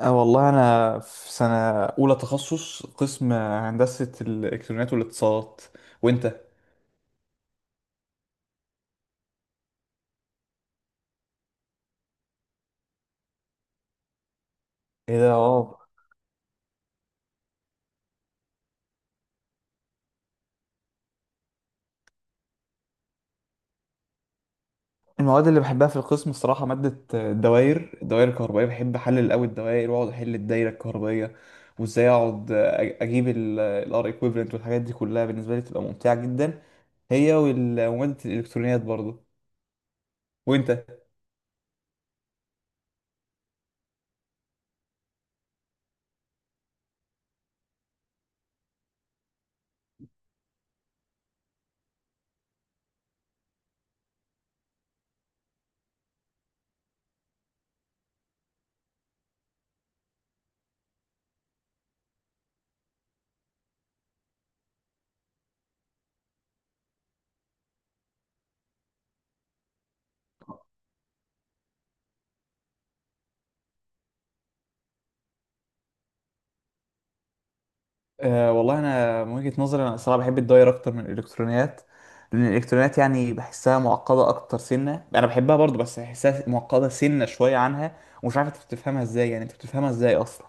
أه والله أنا في سنة أولى تخصص قسم هندسة الإلكترونيات والاتصالات. وأنت؟ إيه ده، اه. المواد اللي بحبها في القسم الصراحة مادة الدوائر الكهربائية. بحب أحلل أوي الدوائر وأقعد أحل الدايرة الكهربائية وإزاي أقعد أجيب ال R equivalent والحاجات دي كلها بالنسبة لي بتبقى ممتعة جدا، هي ومادة الإلكترونيات برضه. وأنت؟ أه والله انا من وجهة نظري انا الصراحه بحب الداير اكتر من الالكترونيات، لان الالكترونيات يعني بحسها معقده اكتر. سنه انا بحبها برضو بس بحسها معقده سنه شويه عنها. ومش عارف انت بتفهمها ازاي، يعني انت بتفهمها ازاي اصلا؟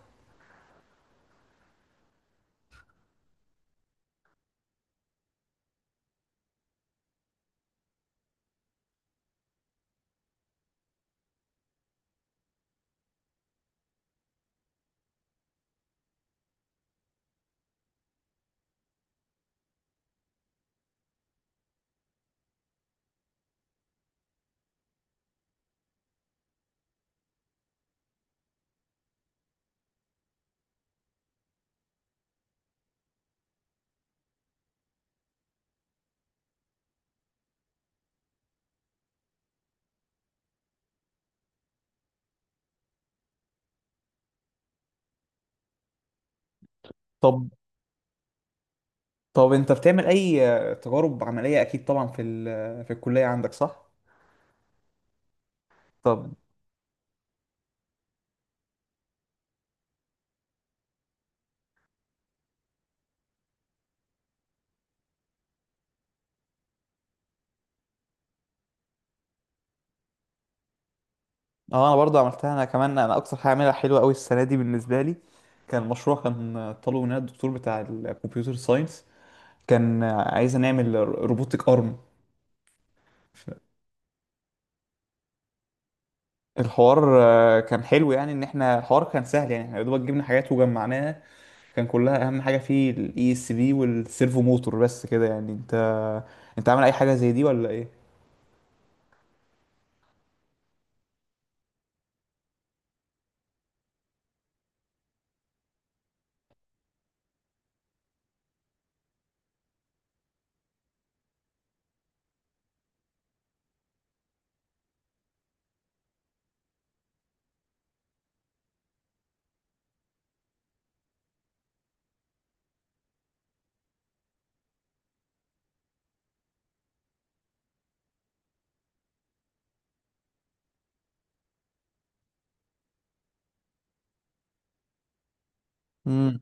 طب طب انت بتعمل اي تجارب عمليه؟ اكيد طبعا في الكليه عندك، صح؟ طب. اه، انا برضو عملتها. انا كمان انا اكتر حاجه عاملها حلوه قوي السنه دي بالنسبه لي كان مشروع. كان طالبه مننا الدكتور بتاع الكمبيوتر ساينس، كان عايزه نعمل روبوتك ارم. الحوار كان حلو، يعني ان احنا الحوار كان سهل يعني احنا يا دوبك جبنا حاجات وجمعناها. كان كلها اهم حاجه فيه الاي اس بي والسيرفو موتور بس كده. يعني انت عامل اي حاجه زي دي ولا ايه؟ امم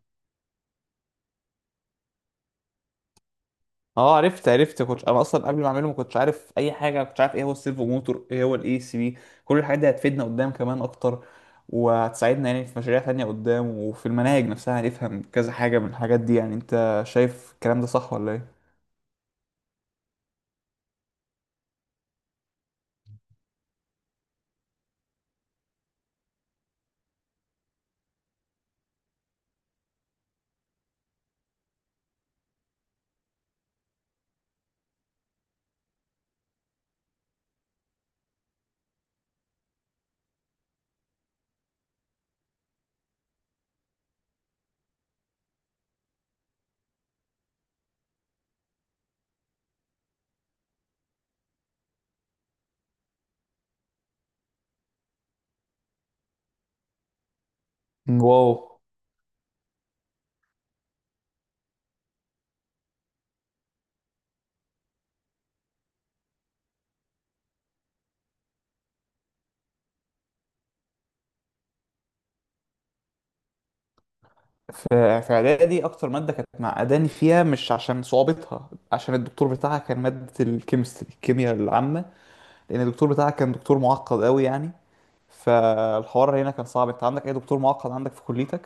اه، عرفت عرفت. كنت انا اصلا قبل ما اعمله ما كنتش عارف اي حاجه، ما كنتش عارف ايه هو السيرفو موتور، ايه هو الاي سي بي. كل الحاجات دي هتفيدنا قدام كمان اكتر وهتساعدنا يعني في مشاريع تانية قدام، وفي المناهج نفسها هنفهم كذا حاجه من الحاجات دي. يعني انت شايف الكلام ده صح ولا ايه؟ واو. في في اعدادي اكتر ماده كانت معقداني فيها مش عشان صعوبتها عشان الدكتور بتاعها، كان ماده الكيمستري الكيمياء العامه. لان الدكتور بتاعها كان دكتور معقد قوي يعني. فالحوار هنا كان صعب. انت عندك اي دكتور معقد عندك في كليتك؟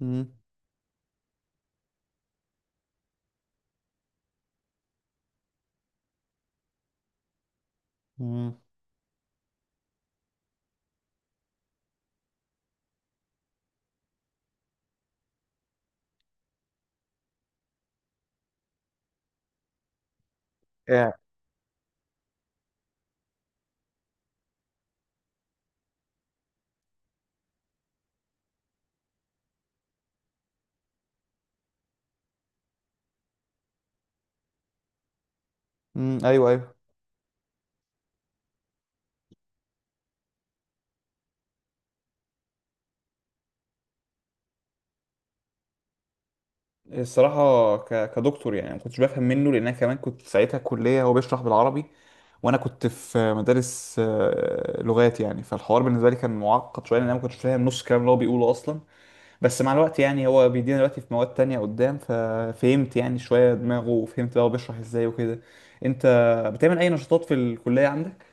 مم. مم. yeah. ايوه، ايوه. الصراحه كدكتور يعني ما كنتش بفهم منه، لان انا كمان كنت ساعتها كليه هو بيشرح بالعربي. وانا كنت في مدارس لغات يعني، فالحوار بالنسبه لي كان معقد شويه لان انا ما كنتش فاهم نص الكلام اللي هو بيقوله اصلا. بس مع الوقت يعني هو بيدينا دلوقتي في مواد تانية قدام، ففهمت يعني شوية دماغه وفهمت بقى هو بيشرح ازاي وكده. انت بتعمل اي نشاطات في الكلية عندك؟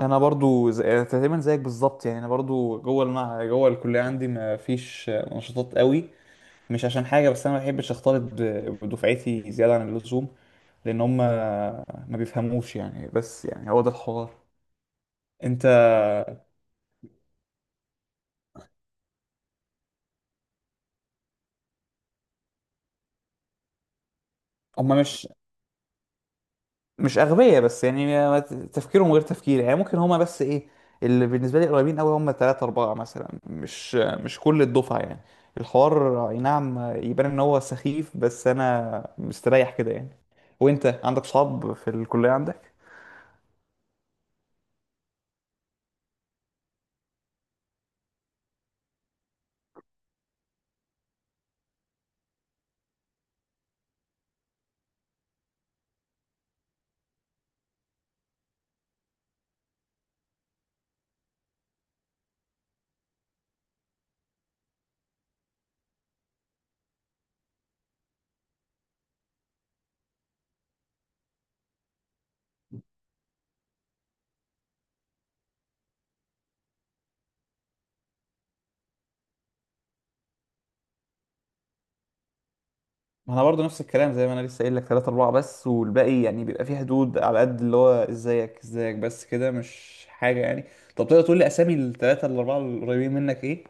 انا برضو تقريبا زيك بالظبط. يعني انا برضو جوه جوه الكلية عندي ما فيش نشاطات قوي. مش عشان حاجة، بس أنا ما بحبش أختلط بدفعتي زيادة عن اللزوم. لأن هم ما بيفهموش يعني، بس يعني هو ده الحوار. أنت. هم مش أغبياء بس يعني تفكيرهم غير تفكيري. يعني ممكن هما بس إيه اللي بالنسبة لي قريبين أوي هما تلاتة أربعة مثلا، مش كل الدفعة يعني. الحوار أي نعم يبان إن هو سخيف بس أنا مستريح كده يعني. وأنت عندك صحاب في الكلية عندك؟ ما أنا برضه نفس الكلام زي ما أنا لسه قايل لك، تلاتة أربعة بس، والباقي يعني بيبقى فيه حدود على قد اللي هو إزيك إزيك بس كده، مش حاجة يعني. طب تقدر تقول لي أسامي التلاتة الأربعة القريبين منك إيه؟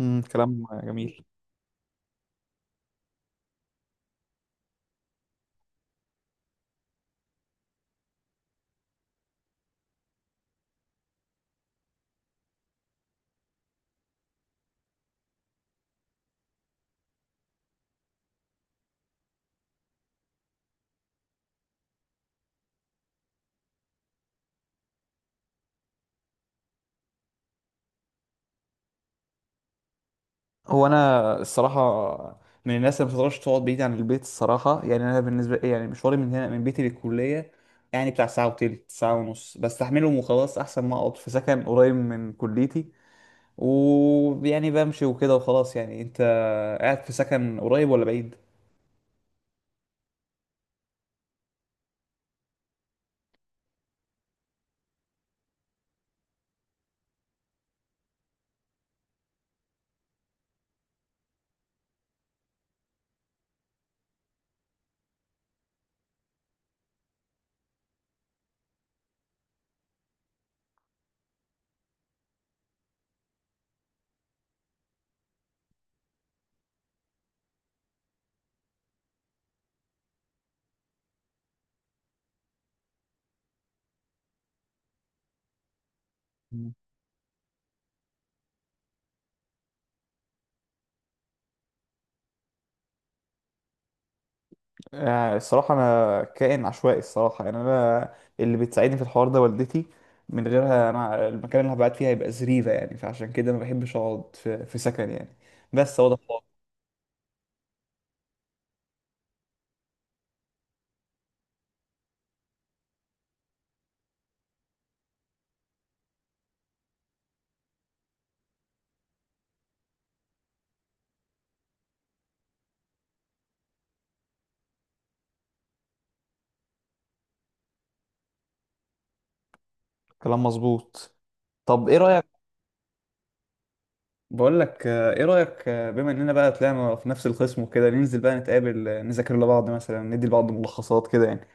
كلام جميل. هو انا الصراحه من الناس اللي ما بتقدرش تقعد بعيد عن البيت الصراحه. يعني انا بالنسبه لي يعني مشواري من هنا من بيتي للكليه يعني بتاع ساعه وتلت ساعه ونص بستحملهم وخلاص، احسن ما اقعد في سكن قريب من كليتي ويعني بمشي وكده وخلاص يعني. انت قاعد في سكن قريب ولا بعيد؟ مم. الصراحة أنا كائن عشوائي الصراحة. يعني أنا اللي بتساعدني في الحوار ده والدتي، من غيرها أنا المكان اللي هبقى قاعد فيه هيبقى زريبة يعني. فعشان كده ما بحبش أقعد في سكن يعني. بس هو ده. كلام مظبوط. طب ايه رأيك. بقول لك ايه رأيك، بما اننا بقى طلعنا في نفس القسم وكده ننزل بقى نتقابل، نذاكر لبعض مثلا ندي لبعض ملخصات كده يعني؟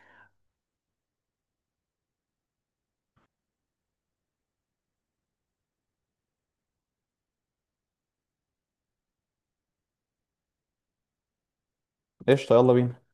قشطة، يلا بينا.